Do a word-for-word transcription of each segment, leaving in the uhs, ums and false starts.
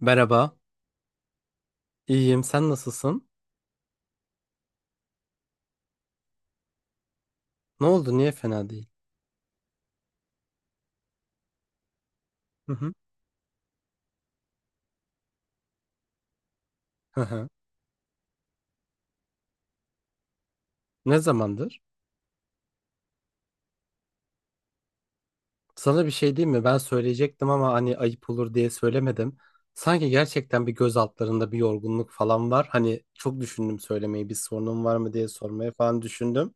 Merhaba. İyiyim. Sen nasılsın? Ne oldu? Niye fena değil? Hı hı. Hı hı. Ne zamandır? Sana bir şey diyeyim mi? Ben söyleyecektim ama hani ayıp olur diye söylemedim. Sanki gerçekten bir göz altlarında bir yorgunluk falan var. Hani çok düşündüm söylemeyi. Bir sorunum var mı diye sormayı falan düşündüm.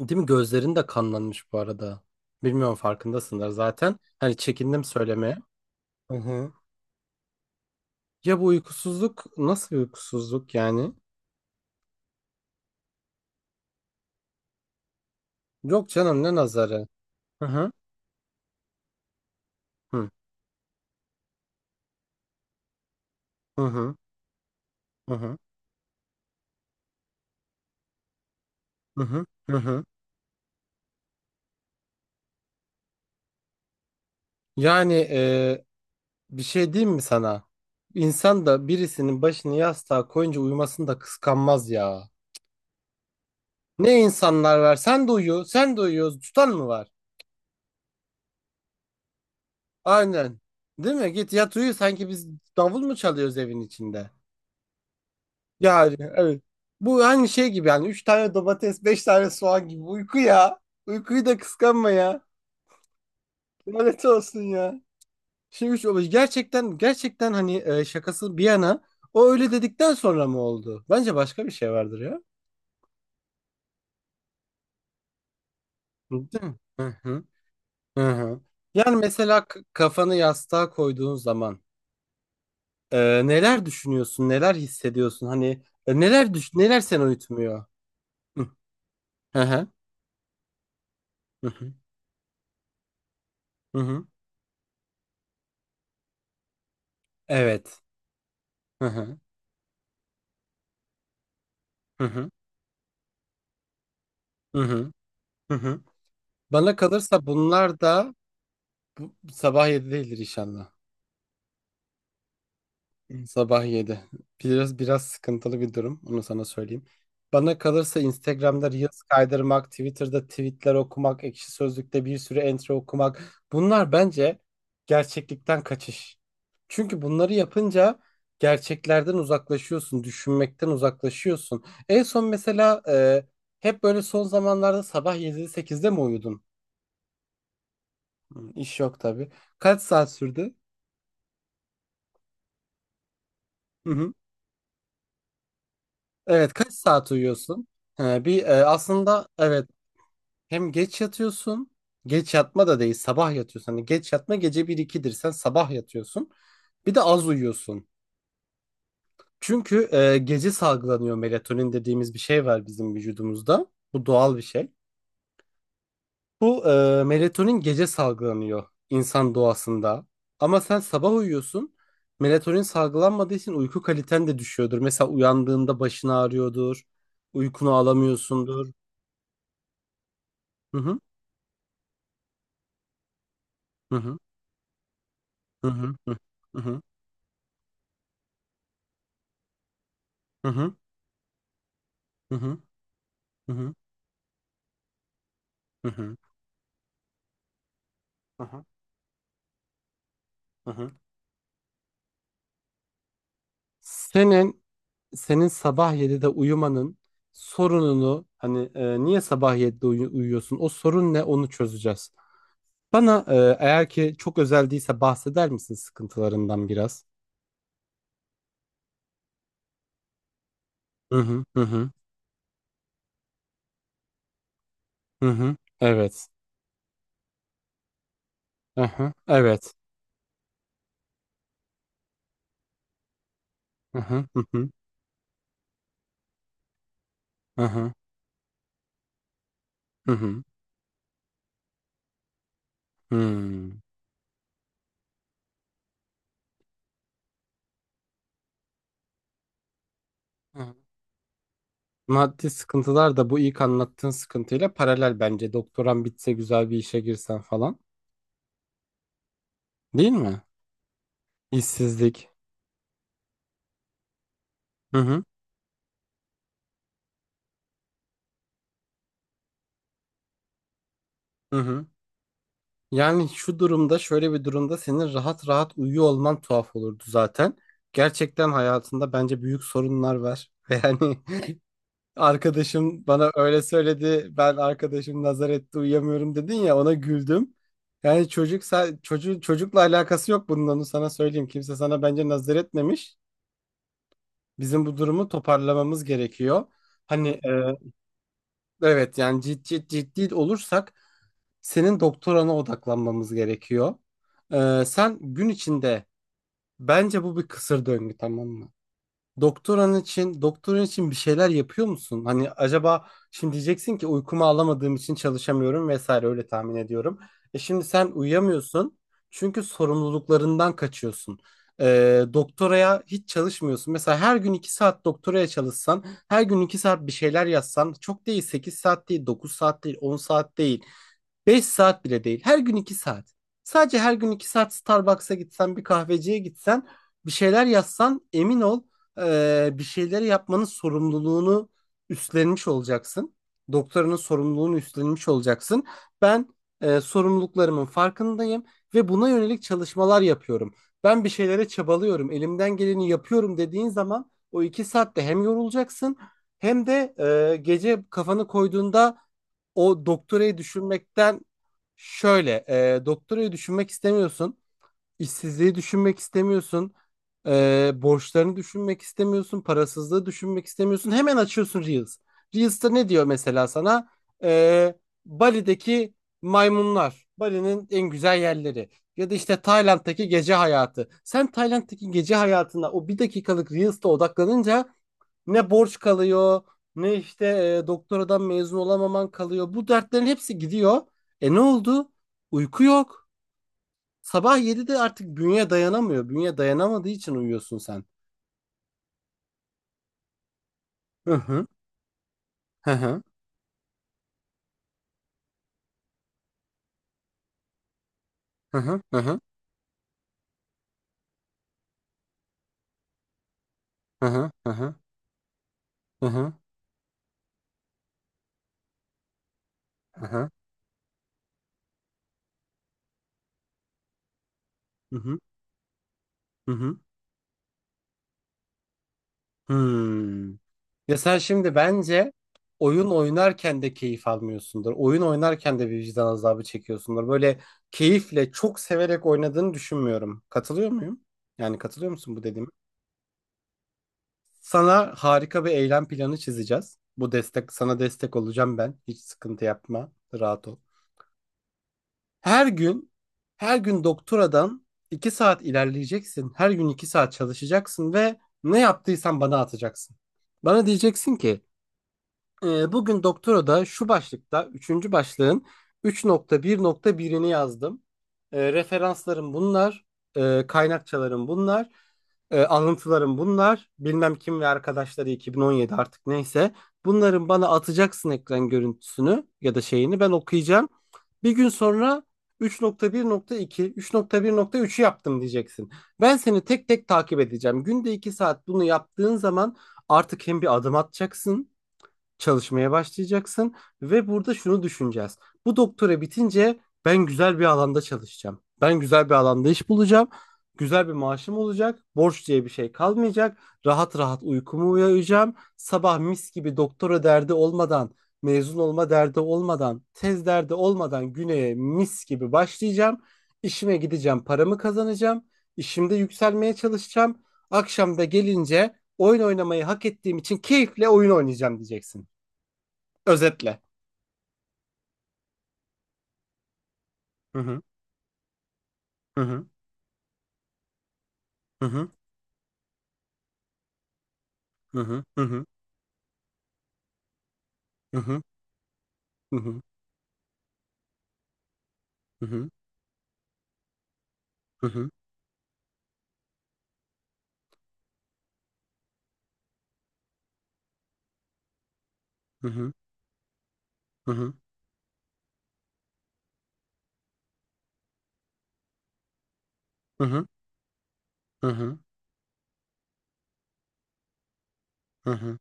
Değil mi? Gözlerin de kanlanmış bu arada. Bilmiyorum farkındasınlar zaten. Hani çekindim söylemeye. Hı hı. Ya bu uykusuzluk nasıl bir uykusuzluk yani? Yok canım ne nazarı? Hı hı. Hı hı. Hı hı. Hı hı, hı hı. Yani e, bir şey diyeyim mi sana? İnsan da birisinin başını yastığa koyunca uyumasını da kıskanmaz ya. Ne insanlar var? Sen de uyu, sen de uyuyoruz. Tutan mı var? Aynen. Değil mi? Git yat uyu sanki biz davul mu çalıyoruz evin içinde? Yani evet. Bu aynı şey gibi yani. Üç tane domates, beş tane soğan gibi. Uyku ya. Uykuyu da kıskanma ya. Lanet olsun ya. Şimdi şu- gerçekten gerçekten hani e, şakası bir yana o öyle dedikten sonra mı oldu? Bence başka bir şey vardır ya. Değil mi? Hı hı. Hı hı. Yani mesela k- kafanı yastığa koyduğun zaman e, neler düşünüyorsun, neler hissediyorsun? Hani e, neler düş neler seni uyutmuyor? Hı hı. Hı hı. Hı hı. Evet. Hı hı. Hı hı. Hı hı. Hı hı. Bana kalırsa bunlar da bu- sabah yedi değildir inşallah. Sabah yedi. Biraz biraz sıkıntılı bir durum. Onu sana söyleyeyim. Bana kalırsa Instagram'da Reels kaydırmak, Twitter'da tweetler okumak, Ekşi Sözlük'te bir sürü entry okumak. Bunlar bence gerçeklikten kaçış. Çünkü bunları yapınca gerçeklerden uzaklaşıyorsun, düşünmekten uzaklaşıyorsun. En son mesela e, hep böyle son zamanlarda sabah yedide sekizde mi uyudun? Hı, İş yok tabii. Kaç saat sürdü? Hı hı. Evet, kaç saat uyuyorsun? He, bir e, aslında evet. Hem geç yatıyorsun. Geç yatma da değil sabah yatıyorsun. Hani geç yatma gece bir ikidir. Sen sabah yatıyorsun. Bir de az uyuyorsun. Çünkü e, gece salgılanıyor melatonin dediğimiz bir şey var bizim vücudumuzda. Bu doğal bir şey. Bu e, melatonin gece salgılanıyor insan doğasında. Ama sen sabah uyuyorsun. Melatonin salgılanmadığı için uyku kaliten de düşüyordur. Mesela uyandığında başın ağrıyordur. Uykunu alamıyorsundur. Hı hı hı hı hı hı hı hı hı hı hı. Hı. Hı hı, hı hı, hı hı. Senin senin sabah yedide uyumanın sorununu hani e, niye sabah yedide uyu- uyuyorsun? O sorun ne? Onu çözeceğiz. Bana e, eğer ki çok özel değilse bahseder misin sıkıntılarından biraz? Hı hı hı hı hı hı. Evet. Hı hı. Evet. Hı hı hı hı hı hı hı hı. Hmm. Hı. Maddi sıkıntılar da bu ilk anlattığın sıkıntıyla paralel bence. Doktoran bitse güzel bir işe girsen falan. Değil mi? İşsizlik. Hı hı. Hı hı. Yani şu durumda şöyle bir durumda senin rahat rahat uyuyor olman tuhaf olurdu zaten. Gerçekten hayatında bence büyük sorunlar var. Ve hani arkadaşım bana öyle söyledi ben arkadaşım nazar etti uyuyamıyorum dedin ya ona güldüm. Yani çocuk çocuğu, çocukla alakası yok bunun onu sana söyleyeyim. Kimse sana bence nazar etmemiş. Bizim bu durumu toparlamamız gerekiyor. Hani, evet yani ciddi ciddi olursak senin doktorana odaklanmamız gerekiyor. Ee, sen gün içinde bence bu bir kısır döngü tamam mı? Doktoran için, doktorun için bir şeyler yapıyor musun? Hani acaba şimdi diyeceksin ki uykumu alamadığım için çalışamıyorum vesaire öyle tahmin ediyorum. E şimdi sen uyuyamıyorsun çünkü sorumluluklarından kaçıyorsun. Ee, doktoraya hiç çalışmıyorsun. Mesela her gün iki saat doktoraya çalışsan, her gün iki saat bir şeyler yazsan çok değil sekiz saat değil, dokuz saat değil, on saat değil. Beş saat bile değil. Her gün iki saat. Sadece her gün iki saat Starbucks'a gitsen, bir kahveciye gitsen, bir şeyler yazsan emin ol eee, bir şeyleri yapmanın sorumluluğunu üstlenmiş olacaksın. Doktoranın sorumluluğunu üstlenmiş olacaksın. Ben eee, sorumluluklarımın farkındayım ve buna yönelik çalışmalar yapıyorum. Ben bir şeylere çabalıyorum, elimden geleni yapıyorum dediğin zaman o iki saatte hem yorulacaksın hem de eee, gece kafanı koyduğunda o doktorayı düşünmekten şöyle e, doktorayı düşünmek istemiyorsun. İşsizliği düşünmek istemiyorsun. e, borçlarını düşünmek istemiyorsun. Parasızlığı düşünmek istemiyorsun. Hemen açıyorsun Reels. Reels'ta ne diyor mesela sana? E, Bali'deki maymunlar. Bali'nin en güzel yerleri. Ya da işte Tayland'daki gece hayatı. Sen Tayland'daki gece hayatına o bir dakikalık Reels'ta odaklanınca ne borç kalıyor, ne işte e, doktoradan mezun olamaman kalıyor. Bu dertlerin hepsi gidiyor. E ne oldu? Uyku yok. Sabah yedide artık bünye dayanamıyor. Bünye dayanamadığı için uyuyorsun sen. Hı hı. Hı hı. Hı hı. Hı hı. Hı hı. Hı hı. Hı hı. Hı hı. Hı hı. Hmm. Ya sen şimdi bence oyun oynarken de keyif almıyorsundur. Oyun oynarken de bir vicdan azabı çekiyorsundur. Böyle keyifle çok severek oynadığını düşünmüyorum. Katılıyor muyum? Yani katılıyor musun bu dediğime? Sana harika bir eylem planı çizeceğiz. Bu destek sana destek olacağım ben. Hiç sıkıntı yapma. Rahat ol. Her gün her gün doktoradan iki saat ilerleyeceksin. Her gün iki saat çalışacaksın ve ne yaptıysan bana atacaksın. Bana diyeceksin ki Ee, bugün doktorada şu başlıkta, üçüncü başlığın üç nokta bir nokta birini yazdım. Ee, referanslarım bunlar, e, kaynakçalarım bunlar, e, alıntılarım bunlar, bilmem kim ve arkadaşları iki bin on yedi artık neyse. Bunların bana atacaksın ekran görüntüsünü ya da şeyini ben okuyacağım. Bir gün sonra üç nokta bir nokta iki, üç nokta bir nokta üçü yaptım diyeceksin. Ben seni tek tek takip edeceğim. Günde iki saat bunu yaptığın zaman artık hem bir adım atacaksın çalışmaya başlayacaksın ve burada şunu düşüneceğiz. Bu doktora bitince ben güzel bir alanda çalışacağım. Ben güzel bir alanda iş bulacağım. Güzel bir maaşım olacak. Borç diye bir şey kalmayacak. Rahat rahat uykumu uyuyacağım. Sabah mis gibi doktora derdi olmadan, mezun olma derdi olmadan, tez derdi olmadan güneye mis gibi başlayacağım. İşime gideceğim, paramı kazanacağım. İşimde yükselmeye çalışacağım. Akşam da gelince oyun oynamayı hak ettiğim için keyifle oyun oynayacağım diyeceksin. Özetle. Hı hı hı hı hı hı hı hı hı hı hı hı hı hı hı hı hı hı hı hı hı hı hı.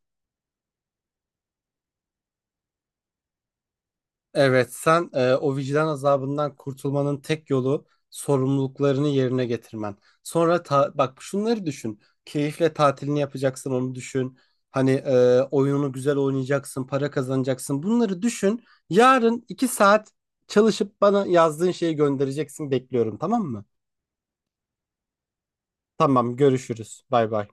Evet, sen e, o vicdan azabından kurtulmanın tek yolu sorumluluklarını yerine getirmen. Sonra ta- bak şunları düşün. Keyifle tatilini yapacaksın onu düşün. Hani e, oyununu güzel oynayacaksın, para kazanacaksın. Bunları düşün. Yarın iki saat çalışıp bana yazdığın şeyi göndereceksin. Bekliyorum, tamam mı? Tamam, görüşürüz. Bay bay.